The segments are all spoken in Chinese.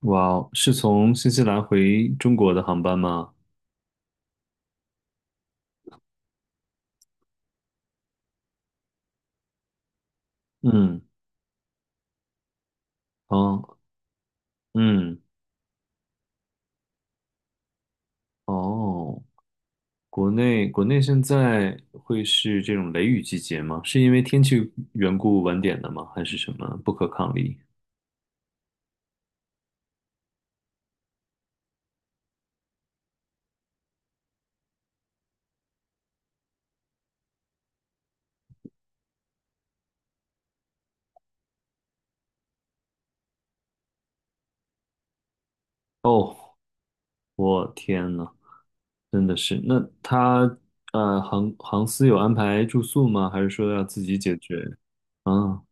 哇哦，是从新西兰回中国的航班吗？嗯，哦，嗯，哦，国内现在会是这种雷雨季节吗？是因为天气缘故晚点的吗？还是什么不可抗力？哦，我天呐，真的是。那他航司有安排住宿吗？还是说要自己解决？啊，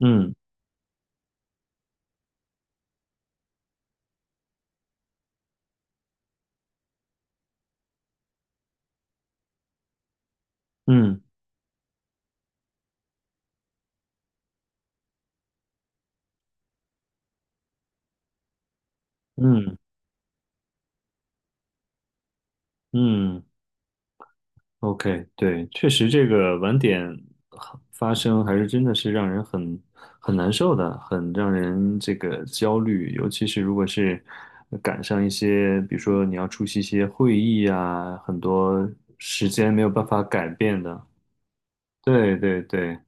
嗯嗯嗯嗯 OK，对，确实这个晚点发生还是真的是让人很难受的，很让人这个焦虑，尤其是如果是赶上一些，比如说你要出席一些会议啊，很多时间没有办法改变的。对对对，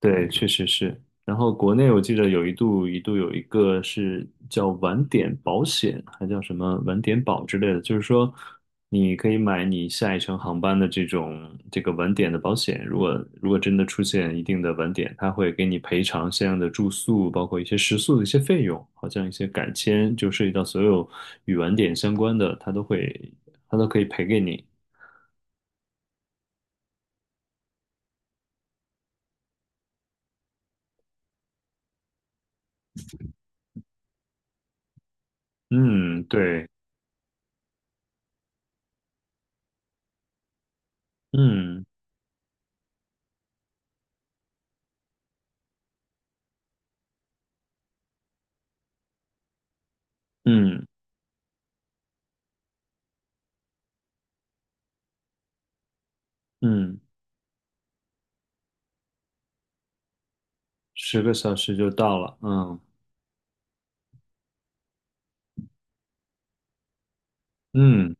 对，确实是。然后国内我记得有一度有一个是叫晚点保险，还叫什么晚点保之类的，就是说你可以买你下一程航班的这种这个晚点的保险，如果真的出现一定的晚点，他会给你赔偿相应的住宿，包括一些食宿的一些费用，好像一些改签，就涉及到所有与晚点相关的，他都可以赔给你。嗯，对，嗯嗯嗯。10个小时就到了，嗯嗯。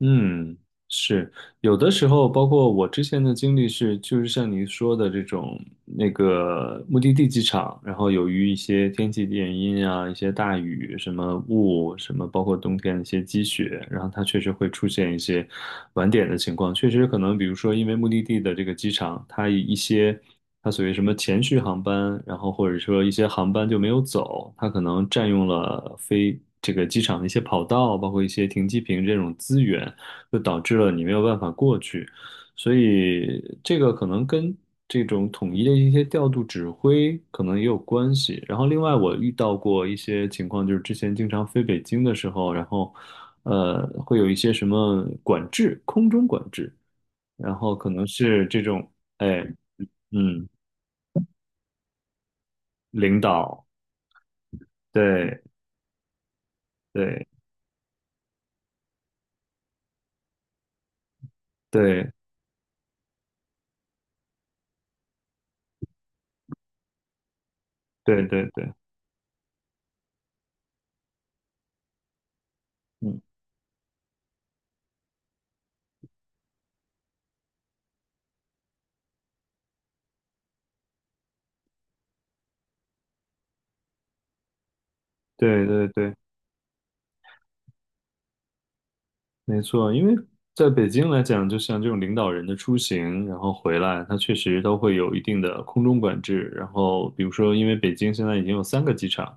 嗯，是有的时候，包括我之前的经历是，就是像您说的这种那个目的地机场，然后由于一些天气原因啊，一些大雨、什么雾、什么，包括冬天的一些积雪，然后它确实会出现一些晚点的情况。确实可能，比如说因为目的地的这个机场，它一些它所谓什么前续航班，然后或者说一些航班就没有走，它可能占用了飞这个机场的一些跑道，包括一些停机坪这种资源。就导致了你没有办法过去。所以这个可能跟这种统一的一些调度指挥可能也有关系。然后另外我遇到过一些情况，就是之前经常飞北京的时候，然后会有一些什么管制，空中管制，然后可能是这种哎嗯领导，对对对对对对，嗯对对对。没错，因为在北京来讲，就像这种领导人的出行，然后回来，它确实都会有一定的空中管制。然后，比如说，因为北京现在已经有三个机场，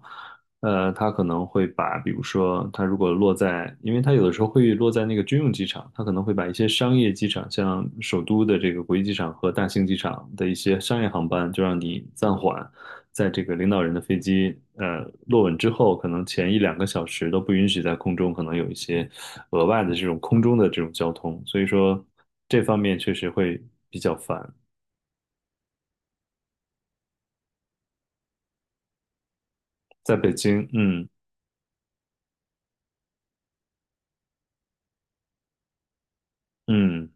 呃，它可能会把，比如说，它如果落在，因为它有的时候会落在那个军用机场，它可能会把一些商业机场，像首都的这个国际机场和大兴机场的一些商业航班，就让你暂缓。在这个领导人的飞机落稳之后，可能前一两个小时都不允许在空中可能有一些额外的这种空中的这种交通，所以说这方面确实会比较烦。在北京，嗯嗯，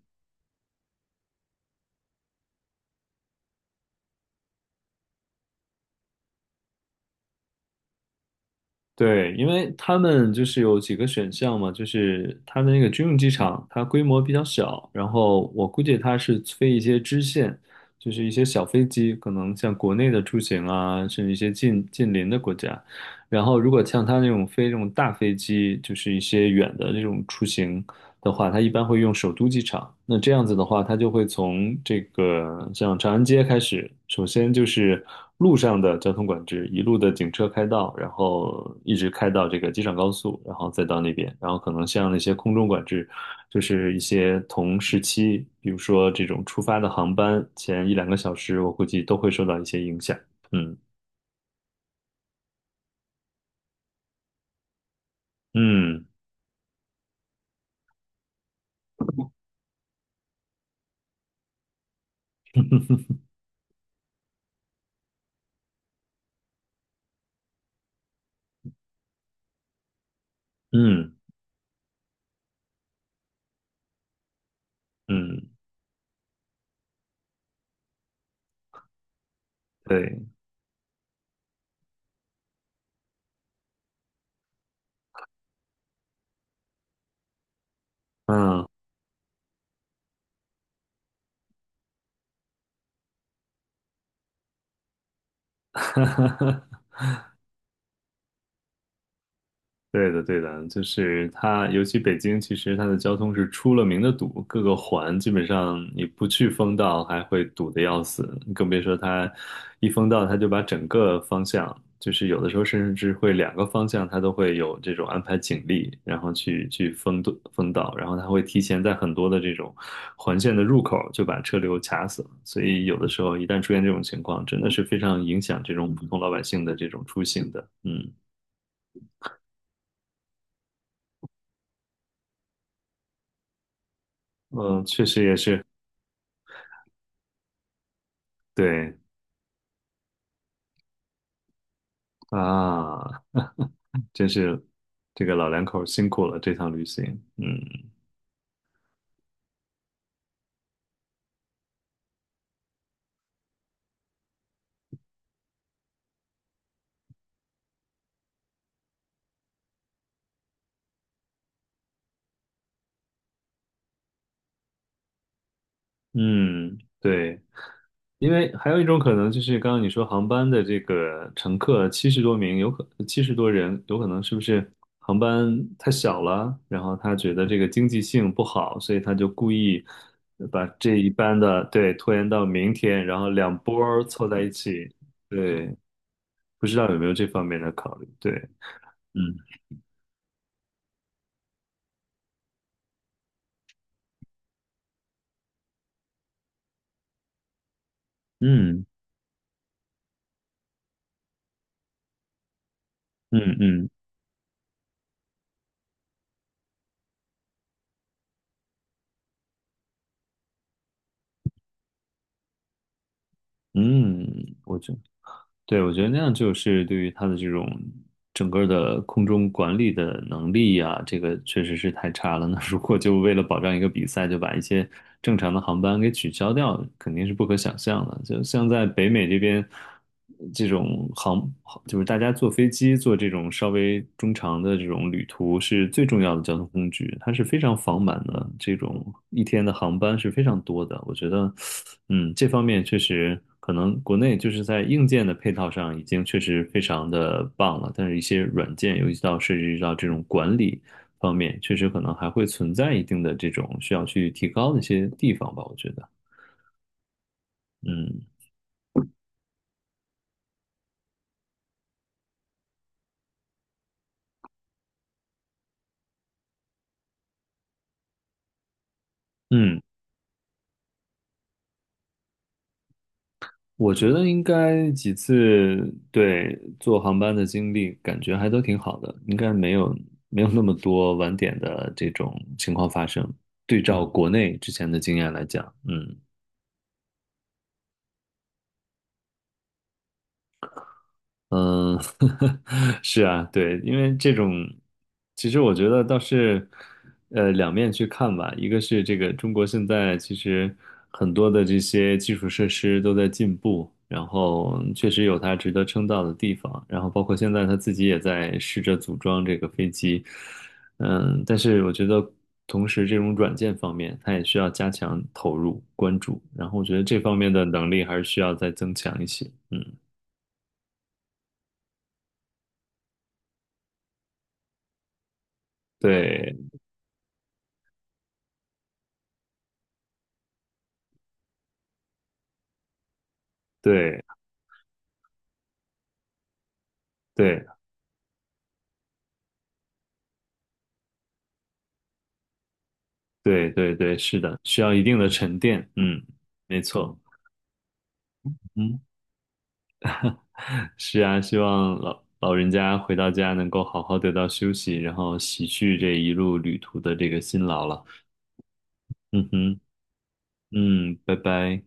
对，因为他们就是有几个选项嘛，就是它的那个军用机场，它规模比较小，然后我估计它是飞一些支线，就是一些小飞机，可能像国内的出行啊，甚至一些近邻的国家。然后，如果像它那种飞这种大飞机，就是一些远的这种出行，的话，它一般会用首都机场。那这样子的话，它就会从这个像长安街开始，首先就是路上的交通管制，一路的警车开道，然后一直开到这个机场高速，然后再到那边，然后可能像那些空中管制，就是一些同时期，比如说这种出发的航班前一两个小时，我估计都会受到一些影响。嗯嗯嗯嗯，对，嗯。对的，对的，就是它，尤其北京，其实它的交通是出了名的堵，各个环基本上你不去封道，还会堵得要死，更别说它一封道，它就把整个方向，就是有的时候甚至会两个方向，它都会有这种安排警力，然后去封堵封道，然后它会提前在很多的这种环线的入口就把车流卡死了，所以有的时候一旦出现这种情况，真的是非常影响这种普通老百姓的这种出行的，嗯。嗯，确实也是。对啊，真是这个老两口辛苦了这趟旅行。嗯嗯，对，因为还有一种可能就是刚刚你说航班的这个乘客70多名，70多人，有可能是不是航班太小了，然后他觉得这个经济性不好，所以他就故意把这一班的对拖延到明天，然后两波儿凑在一起。对，不知道有没有这方面的考虑？对，嗯嗯嗯嗯。嗯，我觉对，我觉得那样就是对于他的这种整个的空中管理的能力呀、这个确实是太差了。那如果就为了保障一个比赛，就把一些正常的航班给取消掉，肯定是不可想象的。就像在北美这边，这种航就是大家坐飞机坐这种稍微中长的这种旅途是最重要的交通工具，它是非常繁满的，这种一天的航班是非常多的。我觉得，嗯，这方面确实可能国内就是在硬件的配套上已经确实非常的棒了，但是一些软件，尤其到涉及到这种管理方面，确实可能还会存在一定的这种需要去提高的一些地方吧，我觉得，嗯。嗯，我觉得应该几次对坐航班的经历，感觉还都挺好的，应该没有那么多晚点的这种情况发生。对照国内之前的经验来讲，嗯嗯，是啊，对，因为这种，其实我觉得倒是，两面去看吧。一个是这个中国现在其实很多的这些基础设施都在进步，然后确实有它值得称道的地方。然后包括现在他自己也在试着组装这个飞机，嗯，但是我觉得同时这种软件方面，它也需要加强投入关注。然后我觉得这方面的能力还是需要再增强一些。嗯，对对。对对对对，是的，需要一定的沉淀。嗯，没错。嗯，是啊，希望老人家回到家能够好好得到休息，然后洗去这一路旅途的这个辛劳了。嗯哼，嗯，拜拜。